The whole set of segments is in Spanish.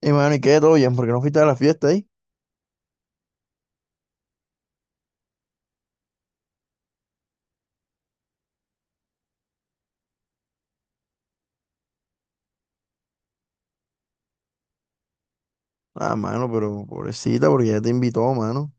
Y mano, ¿y qué? ¿Todo bien? ¿Por qué no fuiste a la fiesta ahí? Ah, mano, pero pobrecita, porque ya te invitó, mano.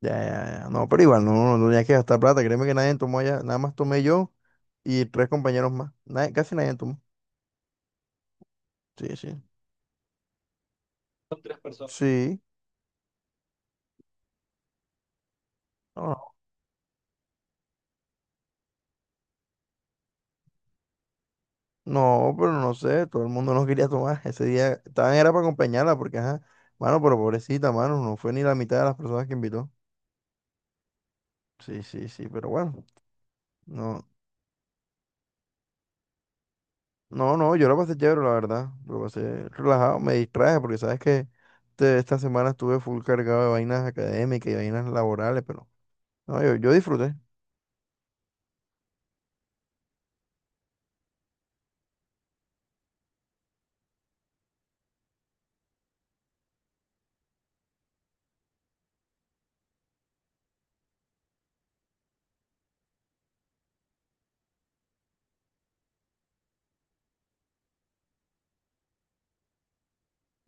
Ya, ya, ya. No, pero igual, no, no tenías que gastar plata. Créeme que nadie tomó allá. Nada más tomé yo y tres compañeros más. Casi nadie tomó. Sí, sí. Sí. No, No, pero no sé. Todo el mundo no quería tomar. Ese día estaban era para acompañarla, porque, ajá. Mano, pero pobrecita, mano. No fue ni la mitad de las personas que invitó. Sí, sí, sí, pero bueno. No, no, no. Yo lo pasé chévere, la verdad. Lo pasé relajado. Me distraje, porque sabes que. Esta semana estuve full cargado de vainas académicas y vainas laborales, pero no, yo disfruté.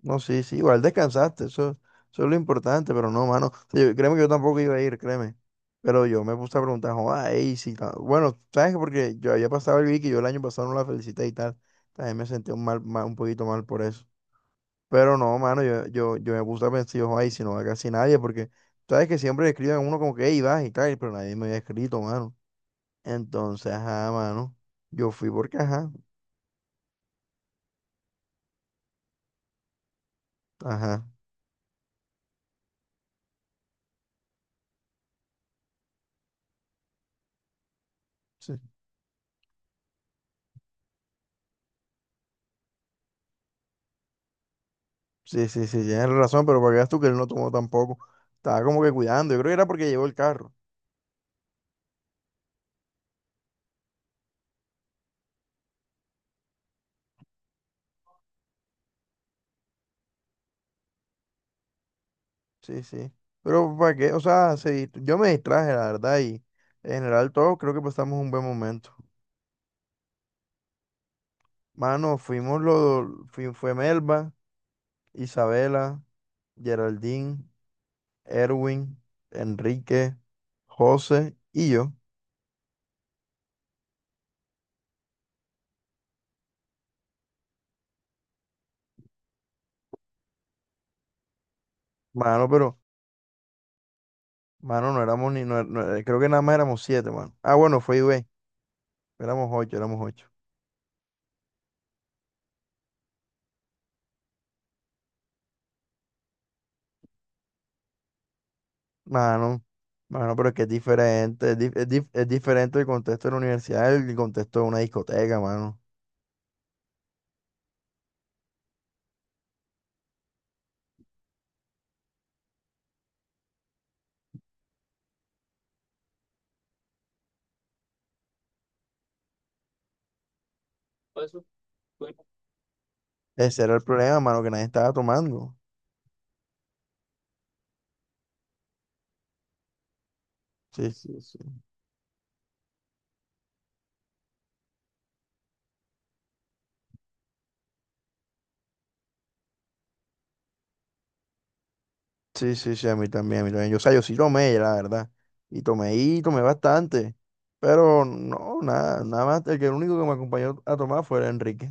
No, sí, sí, igual descansaste, eso es lo importante, pero no, mano. Sí, créeme que yo tampoco iba a ir, créeme. Pero yo me puse a preguntar, ay, sí, bueno, ¿sabes qué? Porque yo había pasado el Vicky, yo el año pasado no la felicité y tal. También me sentí un, un poquito mal por eso. Pero no, mano, yo me puse a pensar, yo, ay, si no va casi nadie, porque sabes que siempre escriben a uno como que, hey, vas y tal, pero nadie me había escrito, mano. Entonces, ajá, mano. Yo fui porque, ajá, ajá. Sí, sí, sí, sí, tienes razón, pero para que veas tú que él no tomó tampoco. Estaba como que cuidando. Yo creo que era porque llevó el carro. Sí, sí. Pero para qué, o sea, yo me distraje, la verdad, y en general todos creo que pasamos un buen momento. Mano, fue Melba, Isabela, Geraldine, Erwin, Enrique, José y yo. Mano, pero, mano, no éramos ni, creo que nada más éramos siete, mano. Ah, bueno, fue Ibe. Éramos ocho, éramos ocho. Mano, Mano, pero es que es diferente. Es, es diferente el contexto de la universidad, el contexto de una discoteca, mano. Ese era el problema, mano, que nadie estaba tomando. Sí, sí, sí. Sí, sí, sí, a mí también, a mí también. Yo, o sea, yo sí tomé, la verdad. Y tomé bastante. Pero no, nada más. El único que me acompañó a tomar fue el Enrique.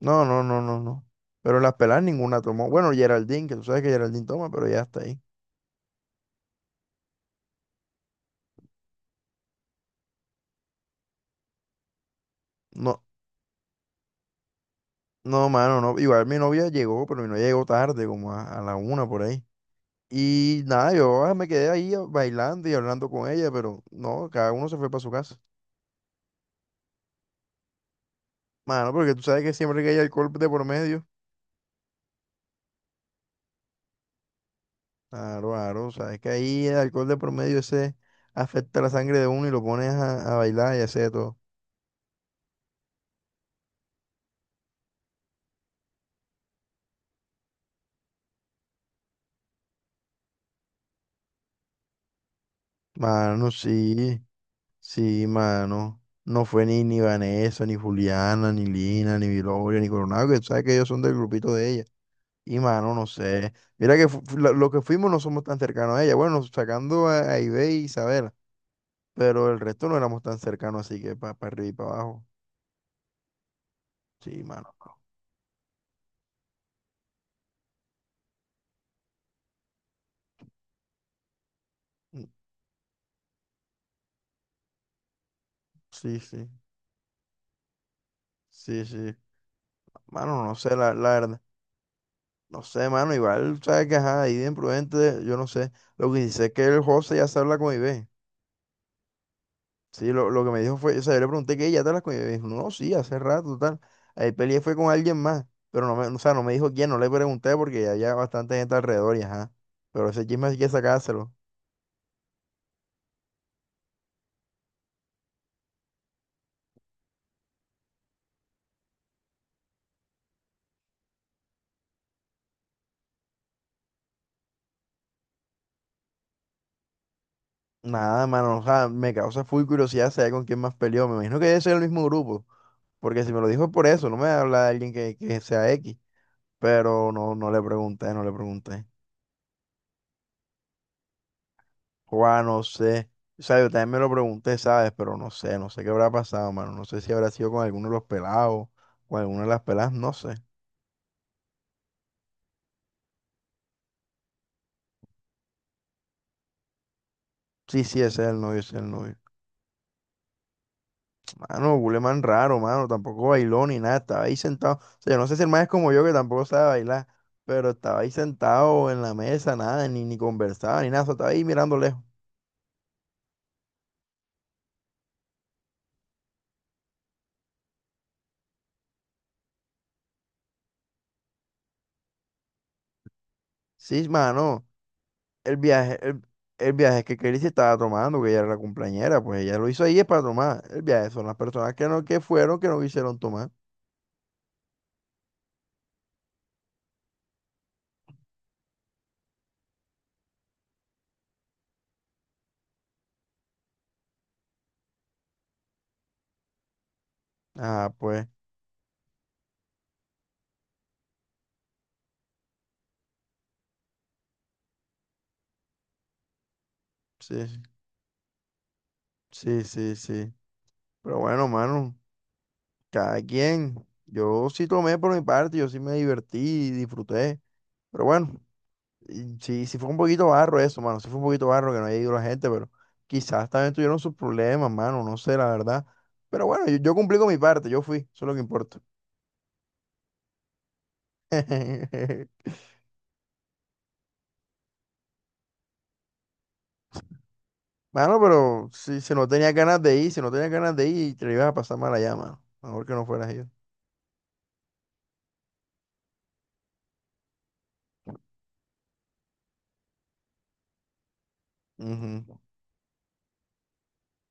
No, no, no, no, no. Pero las pelas ninguna tomó. Bueno, Geraldine, que tú sabes que Geraldine toma, pero ya está ahí. No, No, mano, no. Igual mi novia llegó, pero mi novia llegó tarde, como a la una por ahí. Y nada, yo ah, me quedé ahí bailando y hablando con ella, pero no, cada uno se fue para su casa. Mano, porque tú sabes que siempre que hay alcohol de por medio, claro, claro, sabes que ahí el alcohol de por medio ese afecta la sangre de uno y lo pones a bailar y hacer de todo. Mano, sí, sí, mano. No fue ni, ni Vanessa, ni Juliana, ni Lina, ni Viloria, ni Coronado, que tú sabes que ellos son del grupito de ella. Y mano, no sé. Mira que lo que fuimos no somos tan cercanos a ella. Bueno, sacando a Ibe y Isabela. Pero el resto no éramos tan cercanos, así que para arriba y para abajo. Sí, mano. Mm, Sí, sí. Sí, sí. Mano, no sé, la verdad. No sé, mano. Igual, sabes que ajá, ahí de imprudente, yo no sé. Lo que dice es que el José ya se habla con Ibe. Sí, lo que me dijo fue, o sea, yo le pregunté que ella te las comió. Me dijo, no, sí, hace rato, tal. Ahí peleé fue con alguien más. Pero no me, o sea, no me dijo quién, no le pregunté porque ya había bastante gente alrededor y ajá. Pero ese chisme hay que sacárselo. Nada, mano, o sea, me causa full curiosidad saber con quién más peleó. Me imagino que debe ser el mismo grupo. Porque si me lo dijo es por eso, no me habla de alguien que sea X. Pero no, no le pregunté, no le pregunté. Juan, no sé. O sea, yo también me lo pregunté, ¿sabes? Pero no sé, no sé qué habrá pasado, mano. No sé si habrá sido con alguno de los pelados, con alguna de las peladas, no sé. Sí, sí, ese es el novio, ese es el novio. Mano, Guleman raro, mano. Tampoco bailó ni nada. Estaba ahí sentado. O sea, yo no sé si el man es como yo que tampoco sabe bailar, pero estaba ahí sentado en la mesa, nada, ni, ni conversaba, ni nada. Solo estaba ahí mirando lejos. Sí, mano. el viaje, el, el viaje que Kelly se estaba tomando, que ella era la cumpleañera, pues ella lo hizo ahí es para tomar. El viaje son las personas que no, que fueron, que no quisieron tomar. Ah, pues, sí, sí, sí, sí. Pero bueno, mano, cada quien. Yo sí tomé por mi parte, yo sí me divertí y disfruté. Pero bueno, y sí, sí fue un poquito barro eso, mano. Sí fue un poquito barro que no haya ido la gente, pero quizás también tuvieron sus problemas, mano. No sé, la verdad. Pero bueno, yo cumplí con mi parte, yo fui, eso es lo que importa. Mano, pero si, si no tenías ganas de ir, si no tenías ganas de ir, te la ibas a pasar mal allá, mano. Mejor que no fueras yo. Ujú.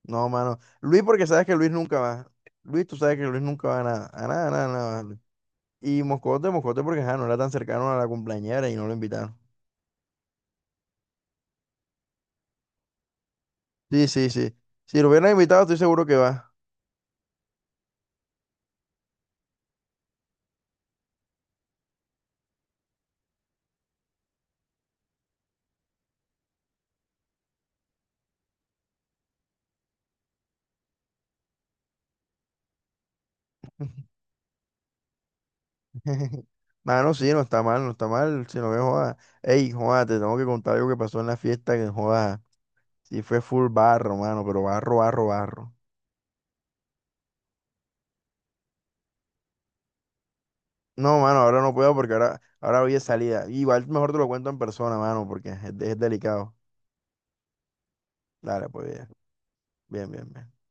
No, mano. Luis, porque sabes que Luis nunca va. Luis, tú sabes que Luis nunca va a nada. A nada, a nada, a nada. Va Luis. Y Moscote, Moscote, porque ajá, no era tan cercano a la cumpleañera y no lo invitaron. Sí, sí, sí. Si lo hubieran invitado, estoy seguro que va. Mano, sí, no está mal, no está mal. Si no ves, joda. Ey, joda, te tengo que contar algo que pasó en la fiesta, que joda. Sí, fue full barro, mano, pero barro, barro, barro. No, mano, ahora no puedo porque ahora hoy es salida. Igual mejor te lo cuento en persona, mano, porque es delicado. Dale, pues bien, bien, bien. Bien.